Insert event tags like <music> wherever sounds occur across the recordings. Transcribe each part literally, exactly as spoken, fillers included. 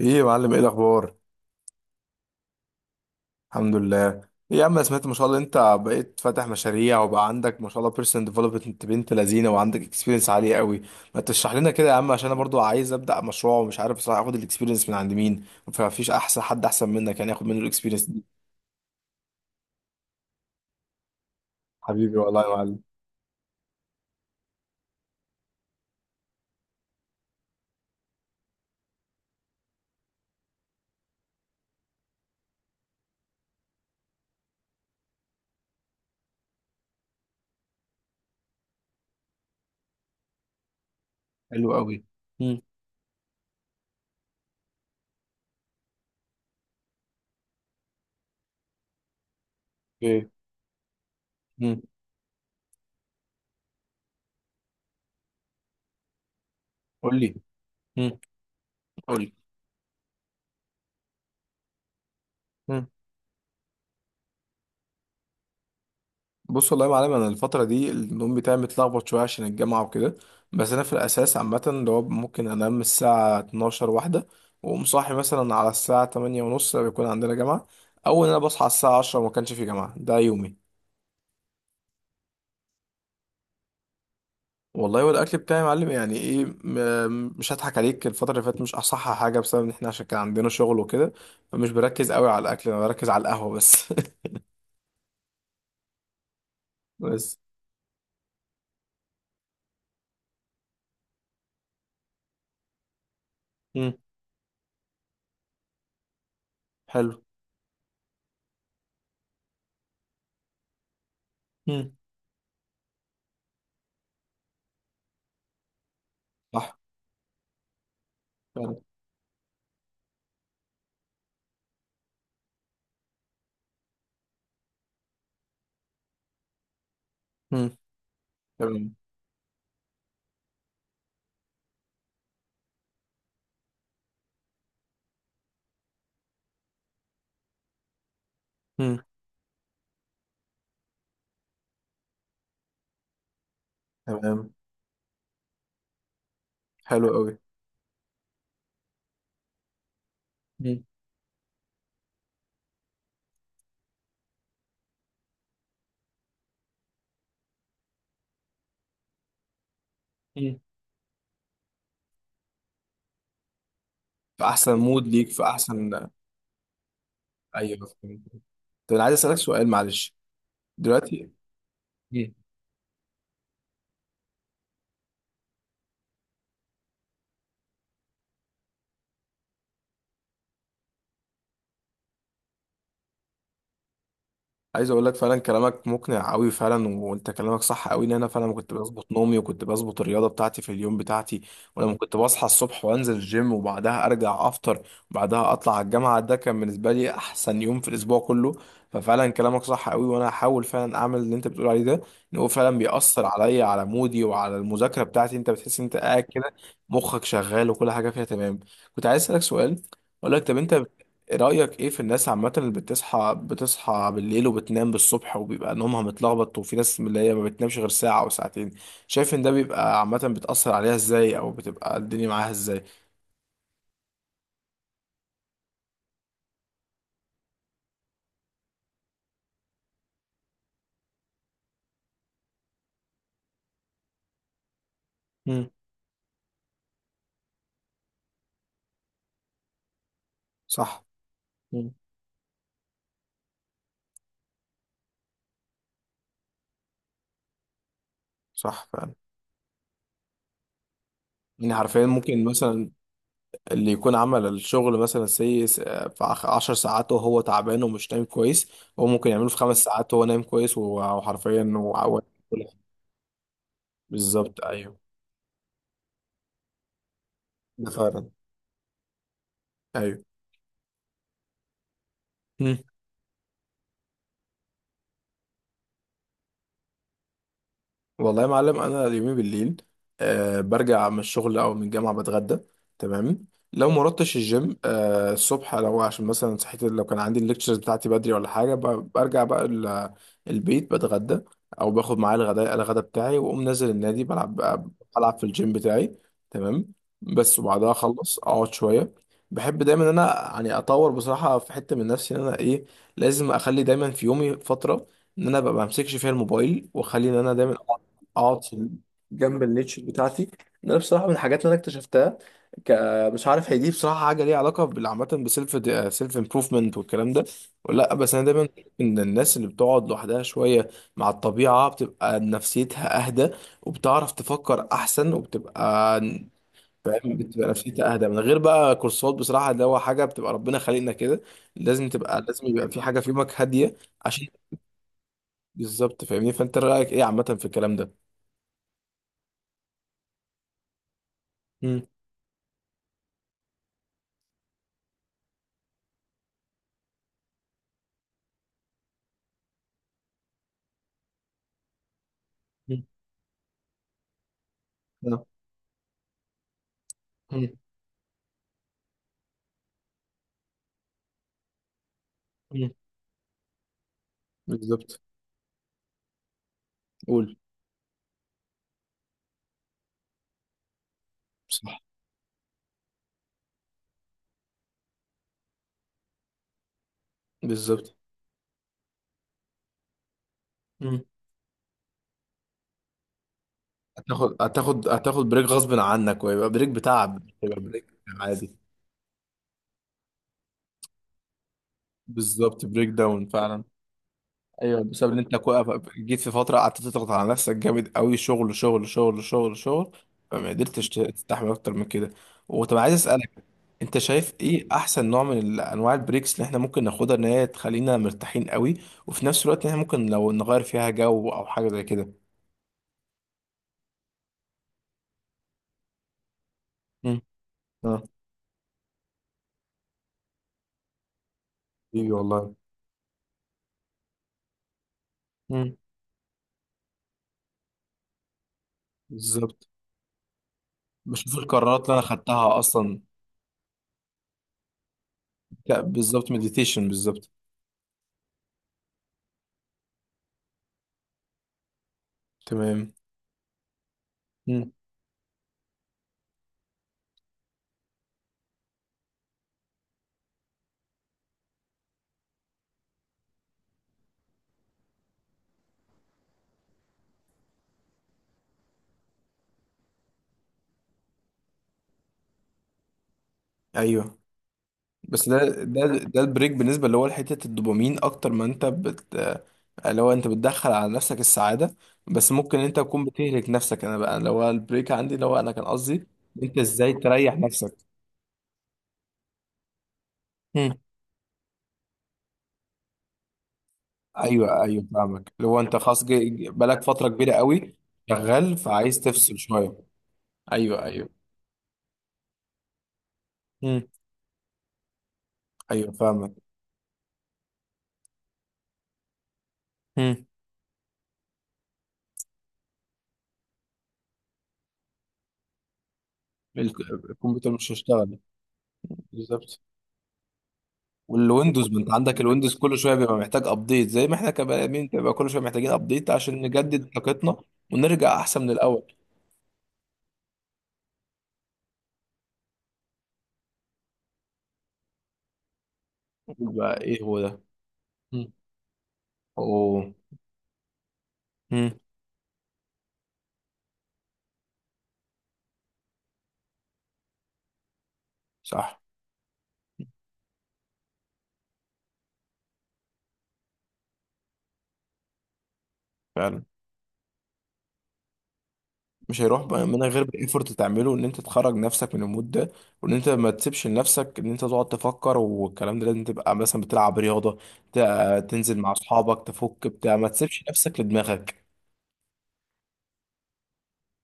ايه يا معلم؟ ايه الاخبار؟ الحمد لله. ايه يا عم، أنا سمعت ما شاء الله انت بقيت فاتح مشاريع وبقى عندك ما شاء الله بيرسونال ديفلوبمنت بنت لذينه وعندك اكسبيرينس عاليه قوي. ما تشرح لنا كده يا عم، عشان انا برضو عايز ابدا مشروع ومش عارف بصراحه اخد الاكسبيرينس من عند مين. فمفيش احسن حد احسن منك، يعني اخد منه الاكسبيرينس دي. حبيبي والله يا معلم. حلو قوي. امم. ايه. امم. قول لي. امم. قول لي. بص والله يا معلم، انا الفتره دي النوم بتاعي متلخبط شويه عشان الجامعه وكده. بس انا في الاساس عامه، اللي هو ممكن انام الساعه اتناشر واحده واقوم صاحي مثلا على الساعه تمانيه ونص بيكون عندنا جامعه، او ان انا بصحى على الساعه عشره وما كانش في جامعه، ده يومي. والله، والاكل بتاعي يا معلم، يعني ايه، م- مش هضحك عليك، الفتره اللي فاتت مش اصح حاجه بسبب ان احنا عشان كان عندنا شغل وكده. فمش بركز قوي على الاكل، انا بركز على القهوه بس. <laughs> بس. مم. حلو. مم. صح. فعلا. مم. تمام. مم. تمام. حلو قوي. مم. مم. في احسن مود ليك، في احسن. ايوه فهمت. طب انا عايز اسالك سؤال معلش. دلوقتي عايز اقول لك، فعلا كلامك مقنع قوي فعلا، وانت كلامك صح قوي، ان انا فعلا كنت بظبط نومي وكنت بظبط الرياضه بتاعتي في اليوم بتاعتي. ولما كنت بصحى الصبح وانزل الجيم وبعدها ارجع افطر وبعدها اطلع على الجامعه، ده كان بالنسبه لي احسن يوم في الاسبوع كله. ففعلا كلامك صح قوي، وانا هحاول فعلا اعمل اللي انت بتقول عليه ده. ان هو فعلا بيأثر عليا، على مودي وعلى المذاكره بتاعتي، انت بتحس إن انت قاعد كده مخك شغال وكل حاجه فيها تمام. كنت عايز اسالك سؤال، اقول لك طب انت رأيك ايه في الناس عامة اللي بتصحى بتصحى بالليل وبتنام بالصبح وبيبقى نومها متلخبط، وفي ناس من اللي هي ما بتنامش غير ساعة أو ساعتين؟ شايف ان ده بيبقى عامة بتأثر عليها ازاي، او بتبقى الدنيا معاها ازاي؟ مم. صح. مم. صح فعلا. يعني حرفيا ممكن مثلا اللي يكون عمل الشغل مثلا سي س- في عخ- عشر ساعات وهو تعبان ومش نايم كويس، هو ممكن يعمله في خمس ساعات وهو نايم كويس، وحرفيا وعوال. بالظبط. ايوه، ده فعلا. ايوه. مم. والله يا معلم انا اليومين بالليل، أه برجع من الشغل او من الجامعه، بتغدى. تمام. لو ما رحتش الجيم أه الصبح، لو عشان مثلا صحيت، لو كان عندي الليكتشرز بتاعتي بدري ولا حاجه، ب- برجع بقى ال- البيت بتغدى، او باخد معايا الغداء، الغدا بتاعي، واقوم نازل النادي بلعب. بلعب في الجيم بتاعي. تمام. بس، وبعدها اخلص اقعد شويه. بحب دايما ان انا يعني اطور بصراحه في حته من نفسي، ان انا ايه، لازم اخلي دايما في يومي فتره ان انا ببقى ما بمسكش فيها الموبايل، واخلي ان انا دايما اقعد في- جنب النيتش بتاعتي. ده بصراحه من الحاجات اللي انا اكتشفتها. ك... مش عارف هي دي بصراحه حاجه ليها علاقه بالعامه بسيلف، سيلف امبروفمنت والكلام ده، ولا لا، بس انا دايما بشوف ان الناس اللي بتقعد لوحدها شويه مع الطبيعه بتبقى نفسيتها اهدى، وبتعرف تفكر احسن وبتبقى، فاهم، بتبقى نفسيتها اهدى من غير بقى كورسات بصراحه، اللي هو حاجه بتبقى ربنا خالقنا كده، لازم تبقى، لازم يبقى في حاجه في يومك هاديه عشان، بالظبط فاهمني. فانت رايك ايه عامه في الكلام ده؟ مم. مم. مم. مم. بالظبط. قول. صح. بالظبط. مم. هتاخد هتاخد هتاخد بريك غصب عنك ويبقى بريك بتعب، مش هيبقى بريك. عادي. بالظبط، بريك داون فعلا. ايوه، بسبب ان انت كو- جيت في فتره قعدت تضغط على نفسك جامد قوي، شغل شغل شغل شغل شغل، فما قدرتش تستحمل اكتر من كده. وطب عايز اسالك، انت شايف ايه احسن نوع من ال- انواع البريكس اللي احنا ممكن ناخدها ان هي تخلينا مرتاحين قوي، وفي نفس الوقت ان احنا ممكن لو نغير فيها جو او حاجه زي كده؟ امم. اه. ايوه والله. مم. بالظبط. بشوف القرارات اللي انا خدتها اصلا. لا بالظبط، مديتيشن بالظبط. تمام. مم. ايوه. بس ده ده ده البريك بالنسبه اللي هو لحته الدوبامين، اكتر ما انت بت، اللي هو انت بتدخل على نفسك السعاده، بس ممكن انت تكون بتهلك نفسك. انا بقى اللي هو البريك عندي اللي هو انا كان قصدي، انت ازاي تريح نفسك. مم. ايوه ايوه فاهمك، اللي هو انت خلاص جي- جي- بقالك فتره كبيره قوي شغال فعايز تفصل شويه. ايوه ايوه. مم. ايوه فاهمك. الك- الكمبيوتر مش هيشتغل. بالظبط. والويندوز، ما انت عندك الويندوز كل شويه بيبقى محتاج ابديت، زي ما احنا كبني ادمين بيبقى كل شويه محتاجين ابديت عشان نجدد طاقتنا ونرجع احسن من الاول. يبقى ايه هو ده؟ مم. اوه. مم. صح فعلا. مش هيروح بقى من غير الايفورت تعمله ان انت تخرج نفسك من المود ده، وان انت ما تسيبش لنفسك ان انت تقعد تفكر والكلام ده، لازم تبقى مثلا بتلعب رياضه، ت- تنزل مع اصحابك تفك بتاع، ما تسيبش نفسك لدماغك.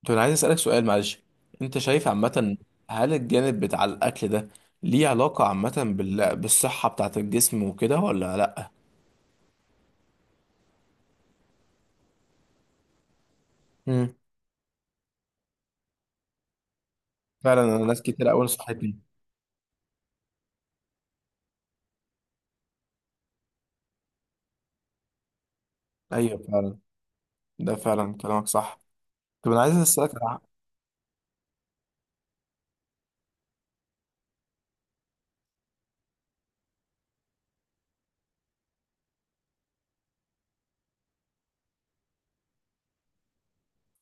طب انا عايز اسالك سؤال معلش، انت شايف عامه هل الجانب بتاع الاكل ده ليه علاقه عامه بال... بالصحه بتاعه الجسم وكده ولا لا؟ امم. فعلا انا ناس كتير قوي نصحتني. ايوه فعلا، ده فعلا كلامك صح. طب انا عايز اسالك ع-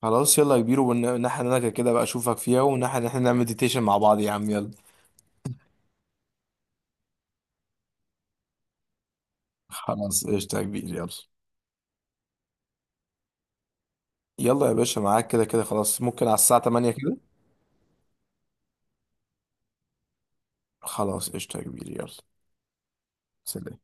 خلاص يلا يا كبير، والناحيه اللي انا كده كده بقى اشوفك فيها، والناحيه اللي احنا نعمل مديتيشن مع بعض، يا عم يلا. خلاص قشطه يا كبير يلا. يلا يا باشا، معاك كده كده خلاص، ممكن على الساعه تمانيه كده. خلاص قشطه يا كبير يلا. سلام.